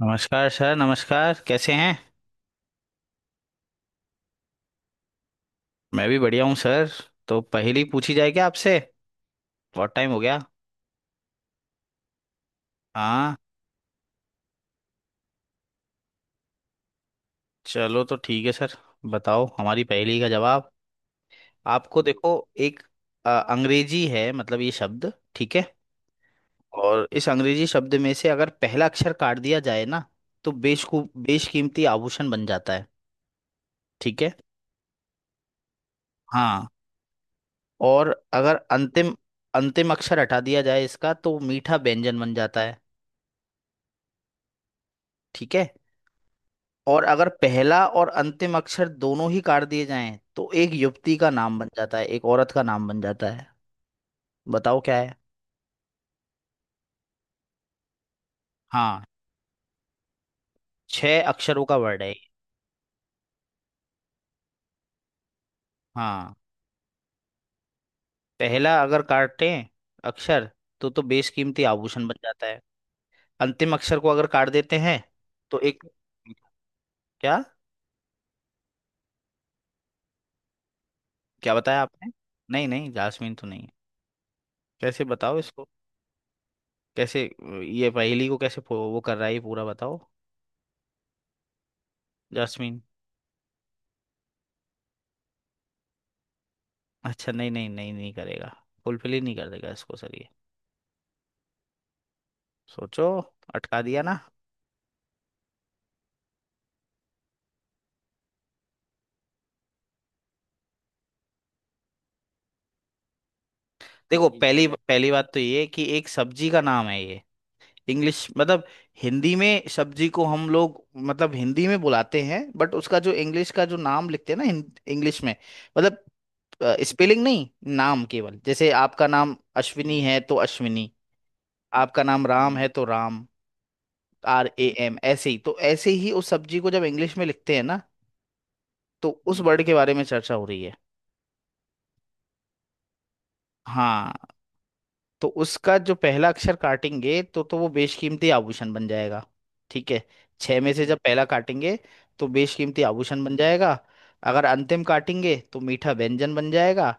नमस्कार सर। नमस्कार। कैसे हैं? मैं भी बढ़िया हूँ सर। तो पहेली पूछी जाए क्या आपसे? बहुत टाइम हो गया। हाँ, चलो तो ठीक है सर। बताओ हमारी पहेली का जवाब। आपको देखो, एक अंग्रेजी है मतलब ये शब्द, ठीक है? और इस अंग्रेजी शब्द में से अगर पहला अक्षर काट दिया जाए ना, तो बेशकू बेशकीमती आभूषण बन जाता है। ठीक है? हाँ, और अगर अंतिम अंतिम अक्षर हटा दिया जाए इसका, तो मीठा व्यंजन बन जाता है। ठीक है। और अगर पहला और अंतिम अक्षर दोनों ही काट दिए जाएं, तो एक युवती का नाम बन जाता है, एक औरत का नाम बन जाता है। बताओ क्या है। हाँ, छह अक्षरों का वर्ड है ये। हाँ, पहला अगर काटे अक्षर, तो बेशकीमती आभूषण बन जाता है। अंतिम अक्षर को अगर काट देते हैं तो एक, क्या? क्या बताया आपने? नहीं नहीं, जासमीन तो नहीं है। कैसे बताओ इसको? कैसे ये पहेली को कैसे वो कर रहा है ये, पूरा बताओ। जासमीन। अच्छा, नहीं नहीं नहीं, नहीं करेगा। फुलफिल ही नहीं कर देगा इसको सर ये। सोचो। अटका दिया ना। देखो, ठीक पहली है, पहली बात तो ये कि एक सब्जी का नाम है ये। इंग्लिश मतलब हिंदी में सब्जी को हम लोग मतलब हिंदी में बुलाते हैं, बट उसका जो इंग्लिश का जो नाम लिखते हैं ना इंग्लिश में, मतलब स्पेलिंग नहीं, नाम केवल। जैसे आपका नाम अश्विनी है तो अश्विनी, आपका नाम राम है तो राम, RAM। ऐसे ही, तो ऐसे ही उस सब्जी को जब इंग्लिश में लिखते हैं ना, तो उस वर्ड के बारे में चर्चा हो रही है। हाँ, तो उसका जो पहला अक्षर काटेंगे तो वो बेशकीमती आभूषण बन जाएगा। ठीक है? छह में से जब पहला काटेंगे तो बेशकीमती आभूषण बन जाएगा। अगर अंतिम काटेंगे तो मीठा व्यंजन बन जाएगा।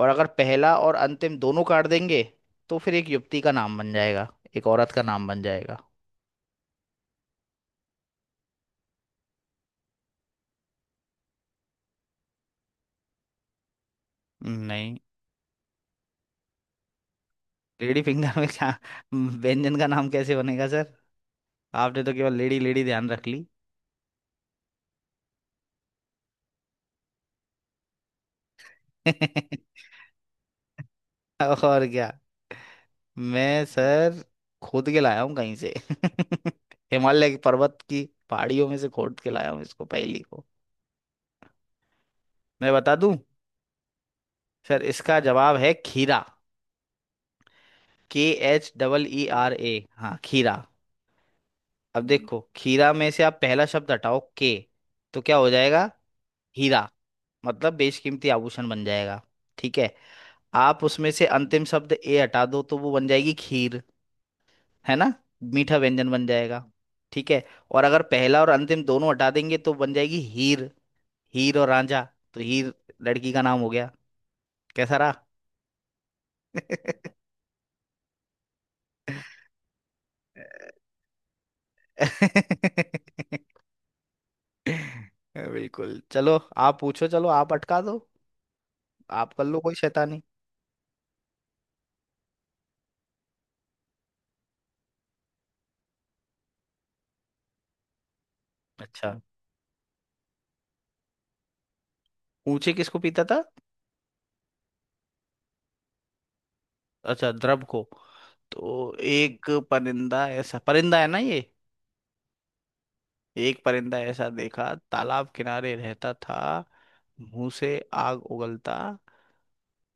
और अगर पहला और अंतिम दोनों काट देंगे तो फिर एक युवती का नाम बन जाएगा, एक औरत का नाम बन जाएगा। नहीं। लेडी फिंगर में क्या व्यंजन का नाम कैसे बनेगा सर? आपने तो केवल लेडी लेडी ध्यान रख ली। और क्या। मैं सर खोद के लाया हूँ कहीं से हिमालय के पर्वत की पहाड़ियों में से खोद के लाया हूँ इसको, पहेली को। मैं बता दूं सर, इसका जवाब है खीरा। के, HEERA। हाँ, खीरा। अब देखो, खीरा में से आप पहला शब्द हटाओ के, तो क्या हो जाएगा? हीरा, मतलब बेशकीमती आभूषण बन जाएगा। ठीक है? आप उसमें से अंतिम शब्द ए हटा दो तो वो बन जाएगी खीर, है ना? मीठा व्यंजन बन जाएगा। ठीक है? और अगर पहला और अंतिम दोनों हटा देंगे तो बन जाएगी हीर। हीर और रांझा, तो हीर लड़की का नाम हो गया। कैसा रहा? बिल्कुल। चलो, आप पूछो, चलो, आप अटका दो, आप कर लो कोई शैतानी। अच्छा। पूछे किसको पीता था? अच्छा, द्रव को। तो एक परिंदा, ऐसा परिंदा है ना ये। एक परिंदा ऐसा देखा, तालाब किनारे रहता था, मुंह से आग उगलता,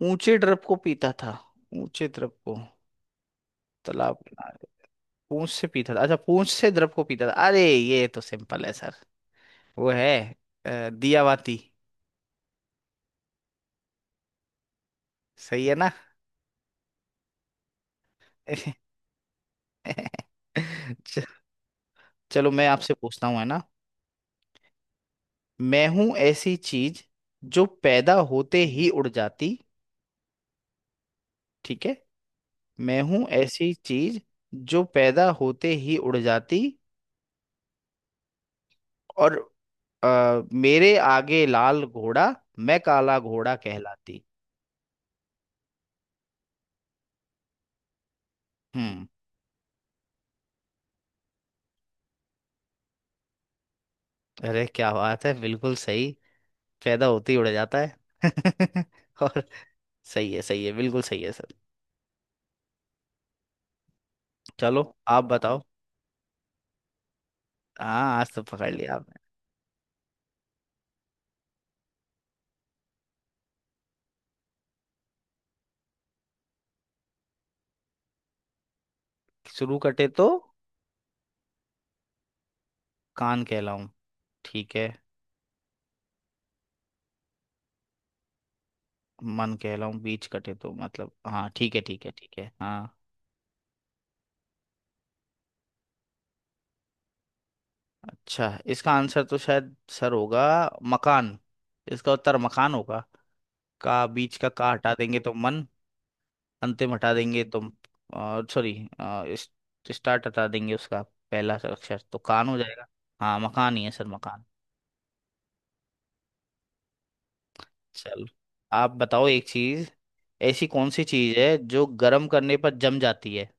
ऊंचे ड्रप को पीता था। ऊंचे ड्रप को, तालाब किनारे, पूंछ से पीता था। अच्छा, पूंछ से ड्रप को पीता था। अरे, ये तो सिंपल है सर। वो है दियावाती। सही है ना? च- चलो, मैं आपसे पूछता हूँ, है ना? मैं हूं ऐसी चीज जो पैदा होते ही उड़ जाती। ठीक है? मैं हूं ऐसी चीज जो पैदा होते ही उड़ जाती, और मेरे आगे लाल घोड़ा, मैं काला घोड़ा कहलाती। हम्म। अरे क्या बात है, बिल्कुल सही। पैदा होते ही उड़ जाता है। और सही है, सही है, बिल्कुल सही है सर। चलो, आप बताओ। हाँ, आज तो पकड़ लिया आपने। शुरू कटे तो कान कहलाऊं, ठीक है। मन कहलाऊं बीच कटे तो, मतलब, हाँ ठीक है, ठीक है, ठीक है, हाँ। अच्छा, इसका आंसर तो शायद सर होगा मकान। इसका उत्तर मकान होगा। का, बीच का हटा देंगे तो मन। अंतिम हटा देंगे तो, सॉरी, इस, स्टार्ट हटा देंगे उसका पहला अक्षर तो कान हो जाएगा। हाँ, मकान ही है सर, मकान। चलो, आप बताओ एक चीज। ऐसी कौन सी चीज है जो गर्म करने पर जम जाती है?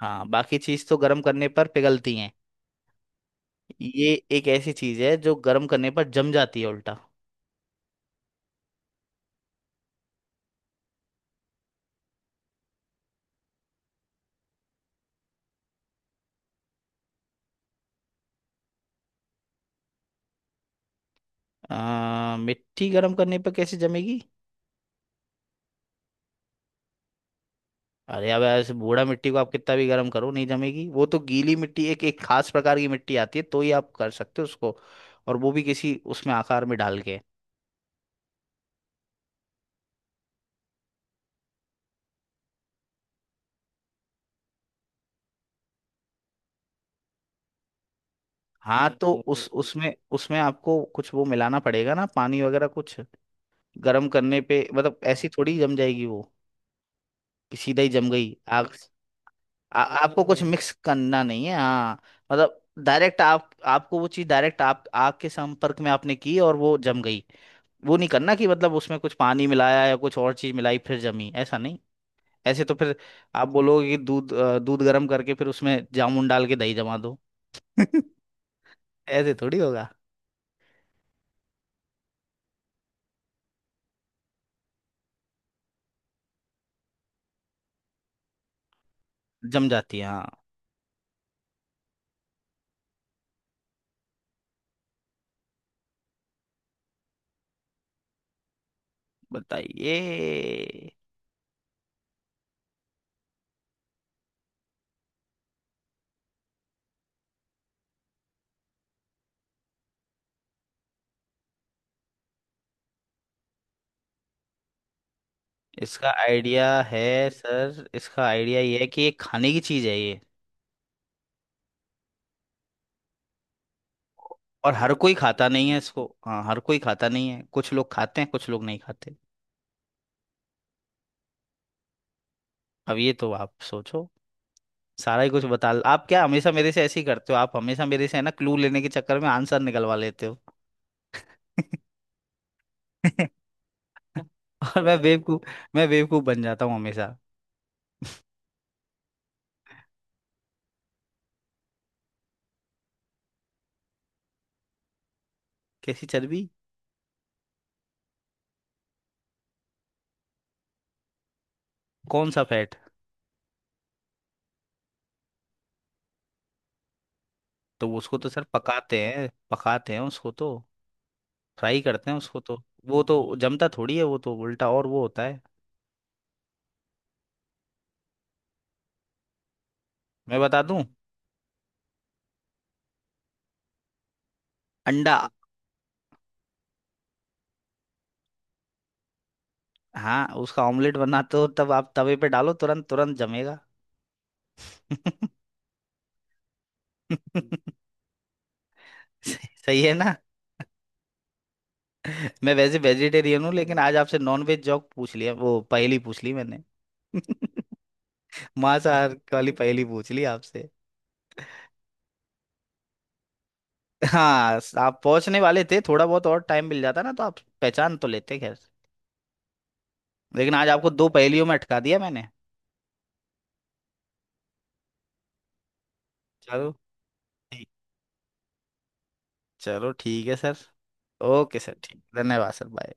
हाँ, बाकी चीज तो गर्म करने पर पिघलती हैं। ये एक ऐसी चीज है जो गर्म करने पर जम जाती है, उल्टा। मिट्टी गर्म करने पर कैसे जमेगी? अरे, अब ऐसे बूढ़ा, मिट्टी को आप कितना भी गर्म करो नहीं जमेगी वो, तो गीली मिट्टी, एक एक खास प्रकार की मिट्टी आती है तो ही आप कर सकते हो उसको, और वो भी किसी उसमें आकार में डाल के। हाँ, तो उस उसमें उसमें आपको कुछ वो मिलाना पड़ेगा ना, पानी वगैरह कुछ। गर्म करने पे मतलब ऐसी थोड़ी जम जाएगी वो, कि सीधा ही जम गई आग? आपको कुछ मिक्स करना नहीं है, हाँ, मतलब डायरेक्ट, आप आपको वो चीज़ डायरेक्ट आप आग के संपर्क में आपने की और वो जम गई। वो नहीं करना कि मतलब उसमें कुछ पानी मिलाया या कुछ और चीज मिलाई फिर जमी, ऐसा नहीं। ऐसे तो फिर आप बोलोगे कि दूध दूध गर्म करके फिर उसमें जामुन डाल के दही जमा दो। ऐसे थोड़ी होगा। जम जाती है, हाँ। बताइए। इसका आइडिया है सर, इसका आइडिया ये है कि ये खाने की चीज है ये। और हर कोई खाता नहीं है इसको, हाँ, हर कोई खाता नहीं है, कुछ लोग खाते हैं कुछ लोग नहीं खाते। अब ये तो आप सोचो। सारा ही कुछ बता आप क्या हमेशा मेरे से ऐसे ही करते हो? आप हमेशा मेरे से, है ना, क्लू लेने के चक्कर में आंसर निकलवा लेते हो। और मैं बेवकूफ, मैं बेवकूफ बन जाता हूँ हमेशा। कैसी चर्बी? कौन सा फैट? तो उसको तो सर पकाते हैं, पकाते हैं उसको तो, फ्राई करते हैं उसको तो। वो तो जमता थोड़ी है, वो तो उल्टा और वो होता है। मैं बता दूं, अंडा। हाँ, उसका ऑमलेट बनाते हो तब आप तवे पे डालो, तुरंत तुरंत जमेगा। सही, सही है ना? मैं वैसे वेजिटेरियन हूँ, लेकिन आज आपसे नॉन वेज जॉक पूछ लिया, वो पहेली पूछ ली मैंने। मांसाहार वाली पहेली पूछ ली आपसे। हाँ, आप पहुंचने वाले थे, थोड़ा बहुत और टाइम मिल जाता ना तो आप पहचान तो लेते, खैर। लेकिन आज आपको 2 पहेलियों में अटका दिया मैंने। चलो ठीक, चलो ठीक है सर। ओके सर, ठीक। धन्यवाद सर, बाय।